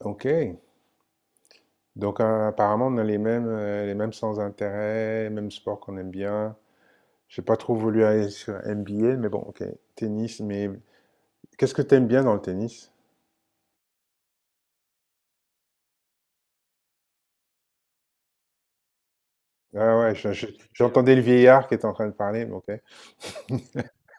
OK. Donc, apparemment, on a les mêmes sans intérêt, les mêmes sports qu'on aime bien. J'ai pas trop voulu aller sur NBA, mais bon, OK. Tennis, mais qu'est-ce que t'aimes bien dans le tennis? Ah ouais, j'entendais le vieillard qui était en train de parler, mais OK.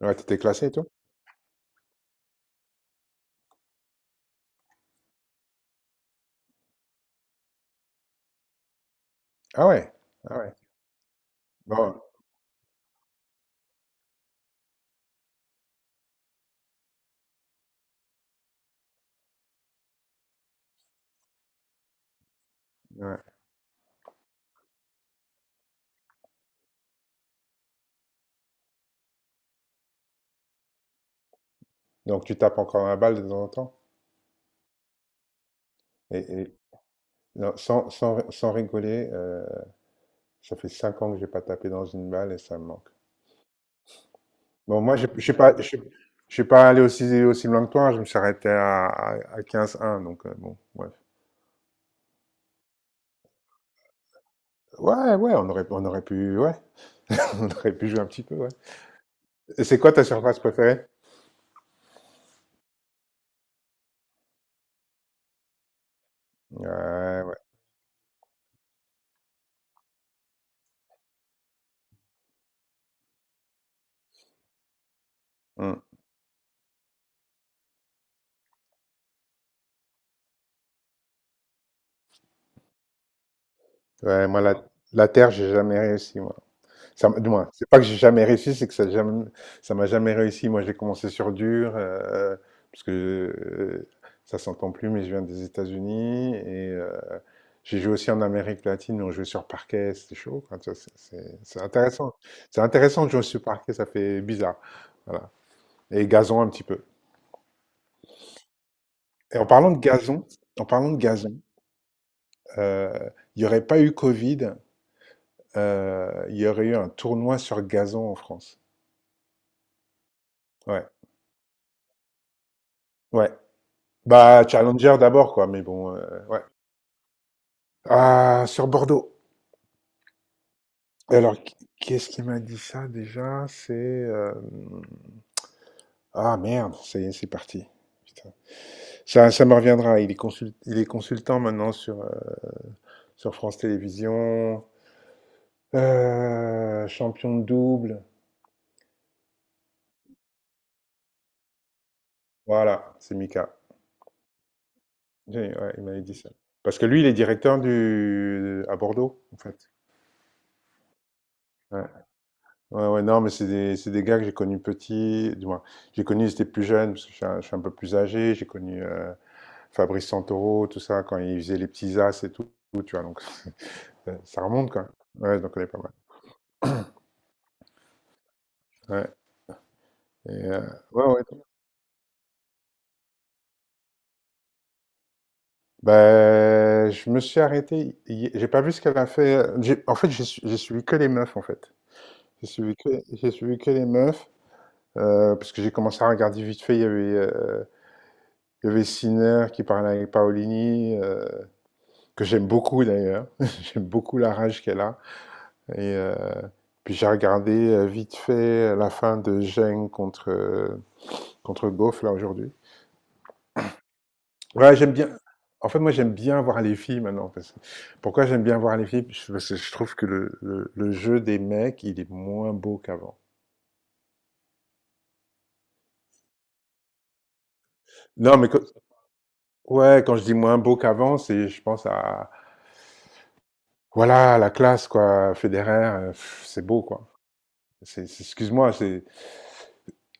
Ouais, t'étais classé et tout? Ah ouais, ah ouais. Bon, ouais. Donc, tu tapes encore la balle de temps en temps? Et, et- non, sans rigoler, ça fait 5 ans que j'ai pas tapé dans une balle et ça me manque. Bon, moi, je ne suis pas, je suis pas allé aussi loin que toi. Hein. Je me suis arrêté à, à 15-1. Donc, bon, ouais. Ouais, ouais, on aurait pu, ouais, on aurait pu jouer un petit peu, ouais. Et c'est quoi ta surface préférée? Ouais, ouais. Hmm. Ouais, moi, la terre, j'ai jamais réussi, moi. Ça m Du moins, c'est pas que j'ai jamais réussi, c'est que ça m'a jamais réussi. Moi, j'ai commencé sur dur, parce que, ça s'entend plus, mais je viens des États-Unis et j'ai joué aussi en Amérique latine, mais on jouait sur parquet, c'était chaud, quoi, tu vois? C'est intéressant. C'est intéressant de jouer sur parquet, ça fait bizarre, voilà et gazon un petit peu et en parlant de gazon, heu, il n'y aurait pas eu covid, il y aurait eu un tournoi sur gazon en France. Ouais, ouais. Bah, Challenger d'abord, quoi, mais bon, ouais. Ah, sur Bordeaux. Et alors, qui est-ce qui m'a dit ça déjà? C'est. Ah merde, ça y est, c'est parti. Putain. Ça me reviendra. Il est consultant maintenant sur, sur France Télévisions. Champion de double. Voilà, c'est Mika. Ouais, il m'avait dit ça. Parce que lui, il est directeur du... à Bordeaux, en fait. Ouais. Ouais, ouais, non, mais c'est des gars que j'ai connus petits, du moins, j'ai connu, ils étaient plus jeunes, parce que je suis un peu plus âgé, j'ai connu Fabrice Santoro, tout ça, quand ils faisaient les petits as et tout, tu vois, donc ça remonte quand même. Ouais, donc on est pas mal. Ouais, et, ouais, ouais. Ben, je me suis arrêté, j'ai pas vu ce qu'elle a fait, en fait, j'ai suivi que les meufs, en fait. J'ai suivi que les meufs, parce que j'ai commencé à regarder vite fait, il y avait Sinner qui parlait avec Paolini, que j'aime beaucoup d'ailleurs. J'aime beaucoup la rage qu'elle a. Et euh, Puis j'ai regardé vite fait la fin de Geng contre, contre Goff là aujourd'hui. Ouais, j'aime bien. En fait, moi, j'aime bien voir les filles maintenant. Pourquoi j'aime bien voir les filles parce que je trouve que le jeu des mecs, il est moins beau qu'avant. Non, ouais, quand je dis moins beau qu'avant, c'est, je pense à, voilà, la classe, quoi. Federer, pff, c'est beau, quoi. Excuse-moi, c'est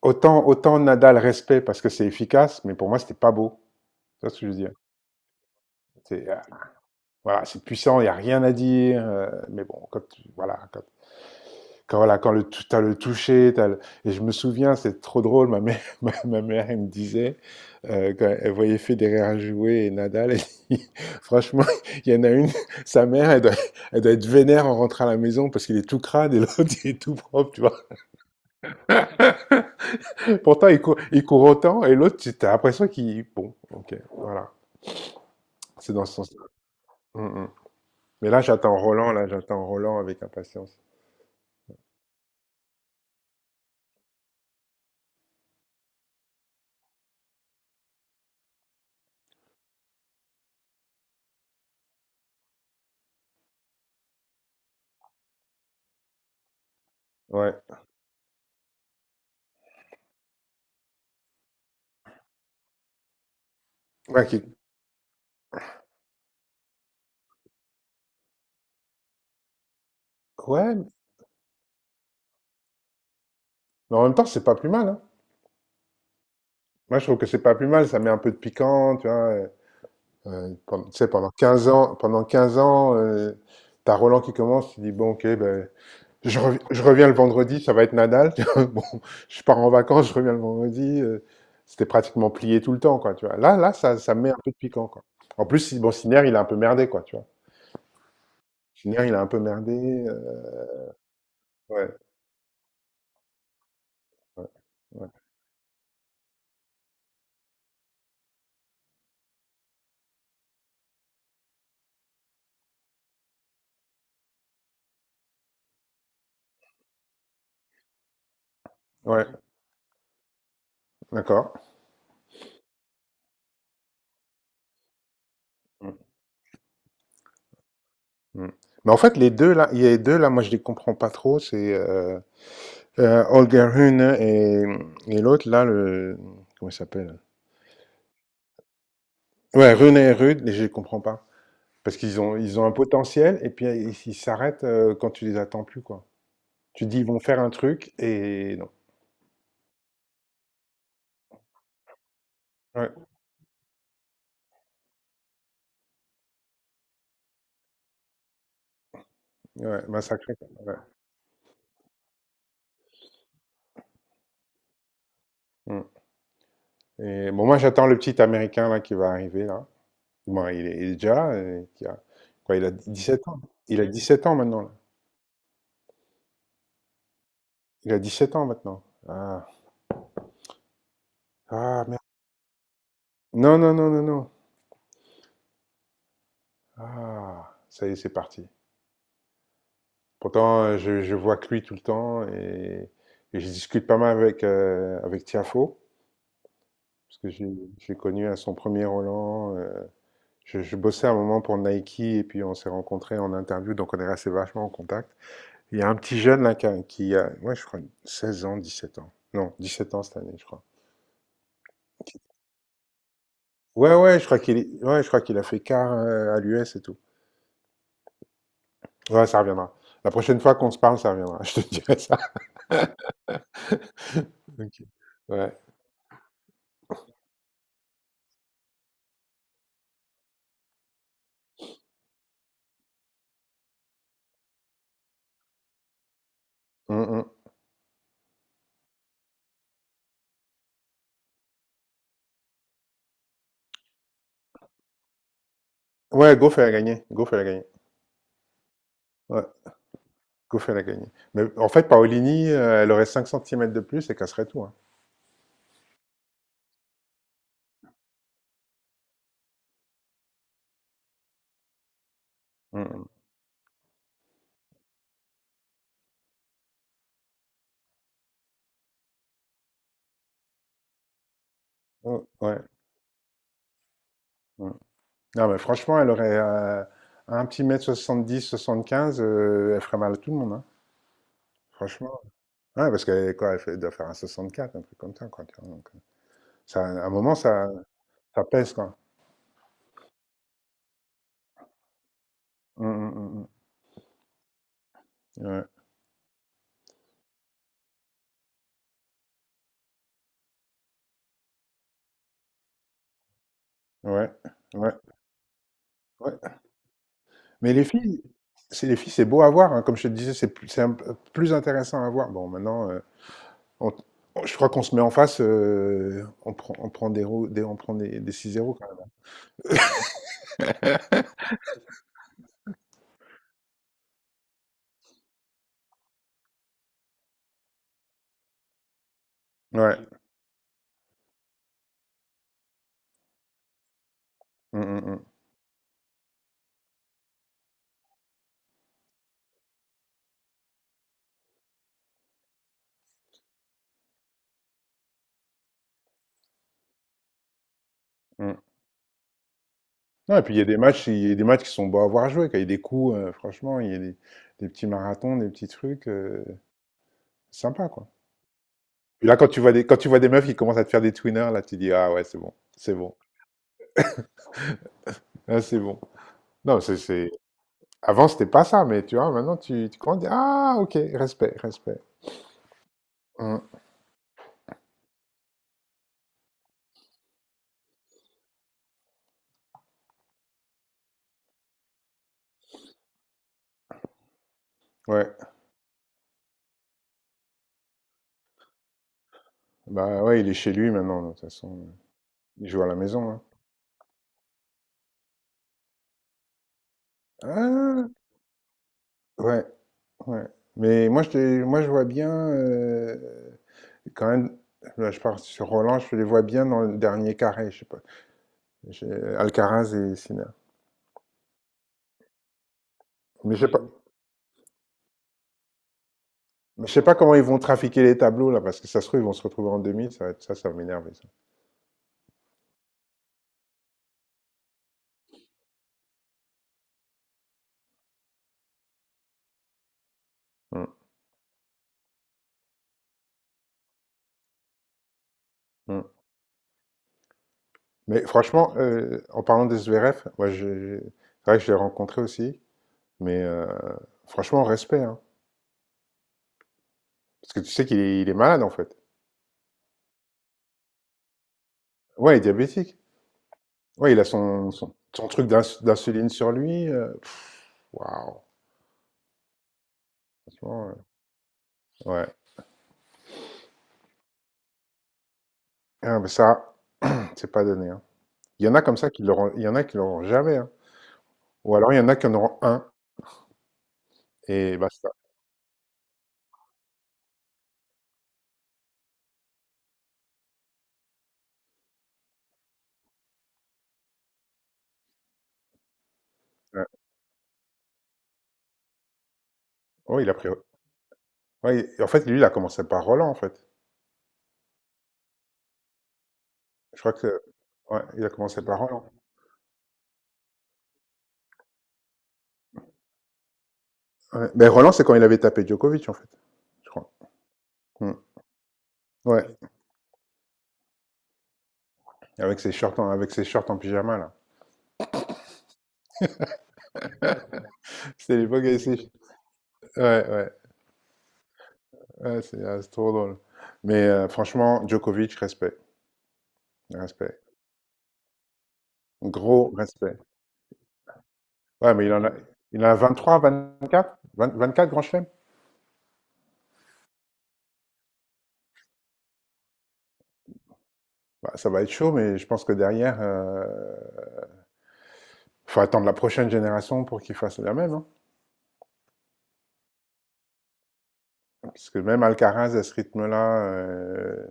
autant, autant Nadal respect parce que c'est efficace, mais pour moi, c'était pas beau. C'est ce que je veux dire. C'est voilà, c'est puissant, il n'y a rien à dire. Mais bon, voilà, quand, quand voilà, quand le tu as le toucher, et je me souviens, c'est trop drôle. Ma mère, ma mère, elle me disait quand elle voyait Federer jouer et Nadal, elle dit, franchement, il y en a une, sa mère, elle doit être vénère en rentrant à la maison parce qu'il est tout crade et l'autre il est tout propre, tu vois. Pourtant, il court autant et l'autre, tu as l'impression qu'il bon, ok, voilà. C'est dans ce sens-là. Mmh, mmh. Mais là, j'attends Roland avec impatience. Ouais. Ouais, ouais, mais en même temps, c'est pas plus mal, hein. Moi, je trouve que c'est pas plus mal, ça met un peu de piquant, tu vois. Tu sais, pendant 15 ans, pendant 15 ans, t'as Roland qui commence, tu dis, bon, ok, ben, je reviens le vendredi, ça va être Nadal. Tu vois. Bon, je pars en vacances, je reviens le vendredi. C'était pratiquement plié tout le temps, quoi, tu vois. Là, là, ça met un peu de piquant, quoi. En plus, bon, Sinner, il a un peu merdé, quoi, tu vois. Sinner, il a un peu merdé. Ouais. Ouais, ouais, d'accord. Mmh, mmh. Mais en fait, les 2 là, il y a les 2 là, moi je les comprends pas trop, c'est Holger Rune et l'autre là, le comment il s'appelle? Ouais, Rune et Rud, je les comprends pas. Parce qu'ils ont un potentiel et puis, ils s'arrêtent, quand tu les attends plus, quoi. Tu te dis: «Ils vont faire un truc» et non. Ouais, ouais, massacré, ouais. Mmh et bon, moi j'attends le petit américain là qui va arriver là. Bon, il est déjà, qui a quoi, il a 17 ans? Il a 17 ans maintenant? Il a 17 ans maintenant. Ah, Ah, merde. Non, non, non, non, non. Ah, ça y est, c'est parti. Pourtant, je vois que lui tout le temps et, je discute pas mal avec, avec Tiafo, parce que je l'ai connu à son premier Roland. Je bossais un moment pour Nike et puis on s'est rencontrés en interview, donc on est resté vachement en contact. Il y a un petit jeune là qui a, ouais, je crois, 16 ans, 17 ans. Non, 17 ans cette année, je crois. Ouais, ouais, je crois qu'il est- ouais, je crois qu'il a fait quart à l'US et tout. Ouais, ça reviendra. La prochaine fois qu'on se parle, ça reviendra. Je te dirai ça. Ok. Ouais. Mm, mm. Ouais, Goff, elle a gagné. Goff, elle a gagné. Ouais, Goff, elle a gagné. Mais en fait, Paolini, elle aurait 5 centimètres de plus et casserait tout. Hein. Mm, mm. Oh, ouais. Mm. Non, mais franchement, elle aurait un petit mètre 70, 75, elle ferait mal à tout le monde. Hein. Franchement. Ouais, parce qu'quoi, elle doit faire 1,64 un truc comme ça, quoi. Tu vois. Donc, ça, à un moment, ça pèse, quoi. Mm, mm, mm, mm. Ouais. Ouais. Ouais. Ouais. Mais les filles, c'est beau à voir, hein, comme je te disais, c'est plus, c'est un peu plus intéressant à voir. Bon, maintenant, on- je crois qu'on se met en face, on prend des 6-0 quand même. Ouais. Mm, mm, mm, mm. Non, et puis il y a des matchs qui sont beaux à voir jouer, quand il y a des coups, franchement, il y a des petits marathons, des petits trucs, sympa quoi. Et là, quand tu vois des meufs qui commencent à te faire des twinners, là, tu dis ah ouais, c'est bon, là, c'est bon. Non. Avant, c'était pas ça, mais tu vois, maintenant, tu commences à dire, ah, ok, respect, respect. Hum, ouais, bah ouais, il est chez lui maintenant, de toute façon. Il joue à la maison, hein. Ah, ouais, ouais. Mais moi, je vois bien, quand même, là, je parle sur Roland, je les vois bien dans le dernier carré, je sais pas. J'ai- Alcaraz et Sinner. Mais je sais pas, mais je sais pas comment ils vont trafiquer les tableaux, là, parce que ça se trouve, ils vont se retrouver en demi, ça, ça va m'énerver, ça. Hum, hum. Mais franchement, en parlant de Zverev, moi, c'est vrai que je l'ai rencontré aussi, mais franchement, respect, hein. Parce que tu sais qu'il est malade, en fait. Ouais, il est diabétique. Ouais, il a son truc d'insuline sur lui. Pff, waouh, franchement, ouais. Ah, mais ça, c'est pas donné, hein. Il y en a comme ça qui l'auront, il y en a qui l'auront jamais, hein. Ou alors il y en a qui en auront un, et basta. Ouais, oh, il a pris... Ouais, en fait, lui, il a commencé par Roland, en fait. Je crois que... Ouais, il a commencé par Roland. Ouais. Ben, Roland, c'est quand il avait tapé Djokovic, en fait. Je crois. Mm. Ouais, avec ses shorts en pyjama, là. C'était l'époque. Ouais, ouais, ouais, c'est trop drôle. Mais franchement, Djokovic, respect, respect. Gros respect. Ouais, mais il en a vingt vingt trois quatre vingt vingt quatre grands chelems. Bah, ça va être chaud, mais je pense que derrière, faut attendre la prochaine génération pour qu'il fasse la même. Hein. Parce que même Alcaraz, à ce rythme-là,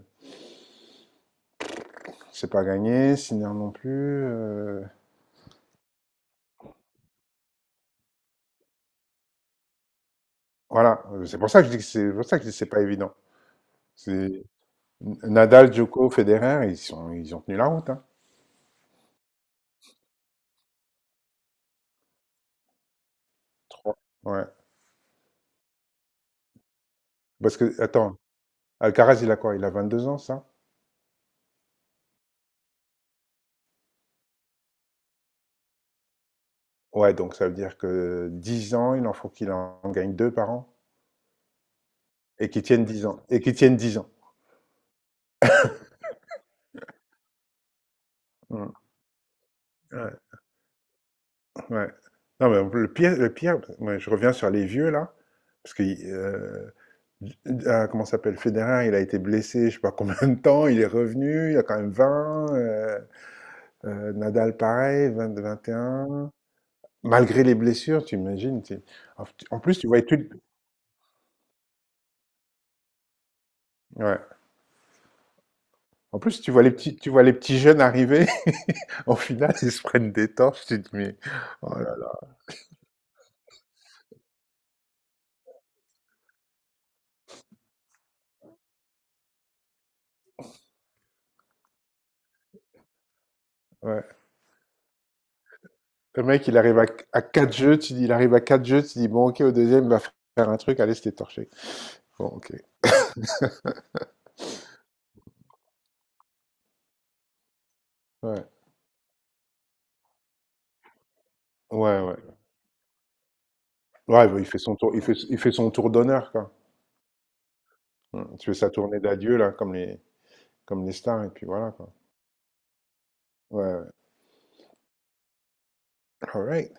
c'est pas gagné, Sinner non plus. Voilà, c'est pour ça que je dis que c'est pour ça que je dis que c'est pas évident. Nadal, Djoko, Federer, ils ont tenu la route, hein. 3. Ouais. Parce que, attends, Alcaraz, il a quoi? Il a 22 ans, ça? Ouais, donc ça veut dire que 10 ans, il en faut qu'il en gagne 2 par an. Et qu'il tienne 10 ans. Et qu'il tienne 10 ans. Mmh. Ouais, ouais. Non, mais le pire, moi, je reviens sur les vieux, là. Parce que, euh, ah, comment ça s'appelle? Federer, il a été blessé, je sais pas combien de temps, il est revenu, il a quand même 20. Nadal, pareil, 21. Malgré les blessures, tu imagines, tu en en plus, tu vois tout ouais. En plus, tu vois les petits jeunes arriver, au final, ils se prennent des torches, tu te dis: «Mais, oh là là». Ouais. Le mec, il arrive à q à 4 jeux, tu dis il arrive à 4 jeux, tu dis: «Bon, OK, au deuxième il va faire un truc, allez, c'était torché». Bon, OK. Ouais. Ouais, ouais. Ouais, bah, il fait son tour d'honneur, quoi. Mmh, tu fais sa tournée d'adieu, là, comme les stars et puis voilà, quoi. Ouais, ouais. All right.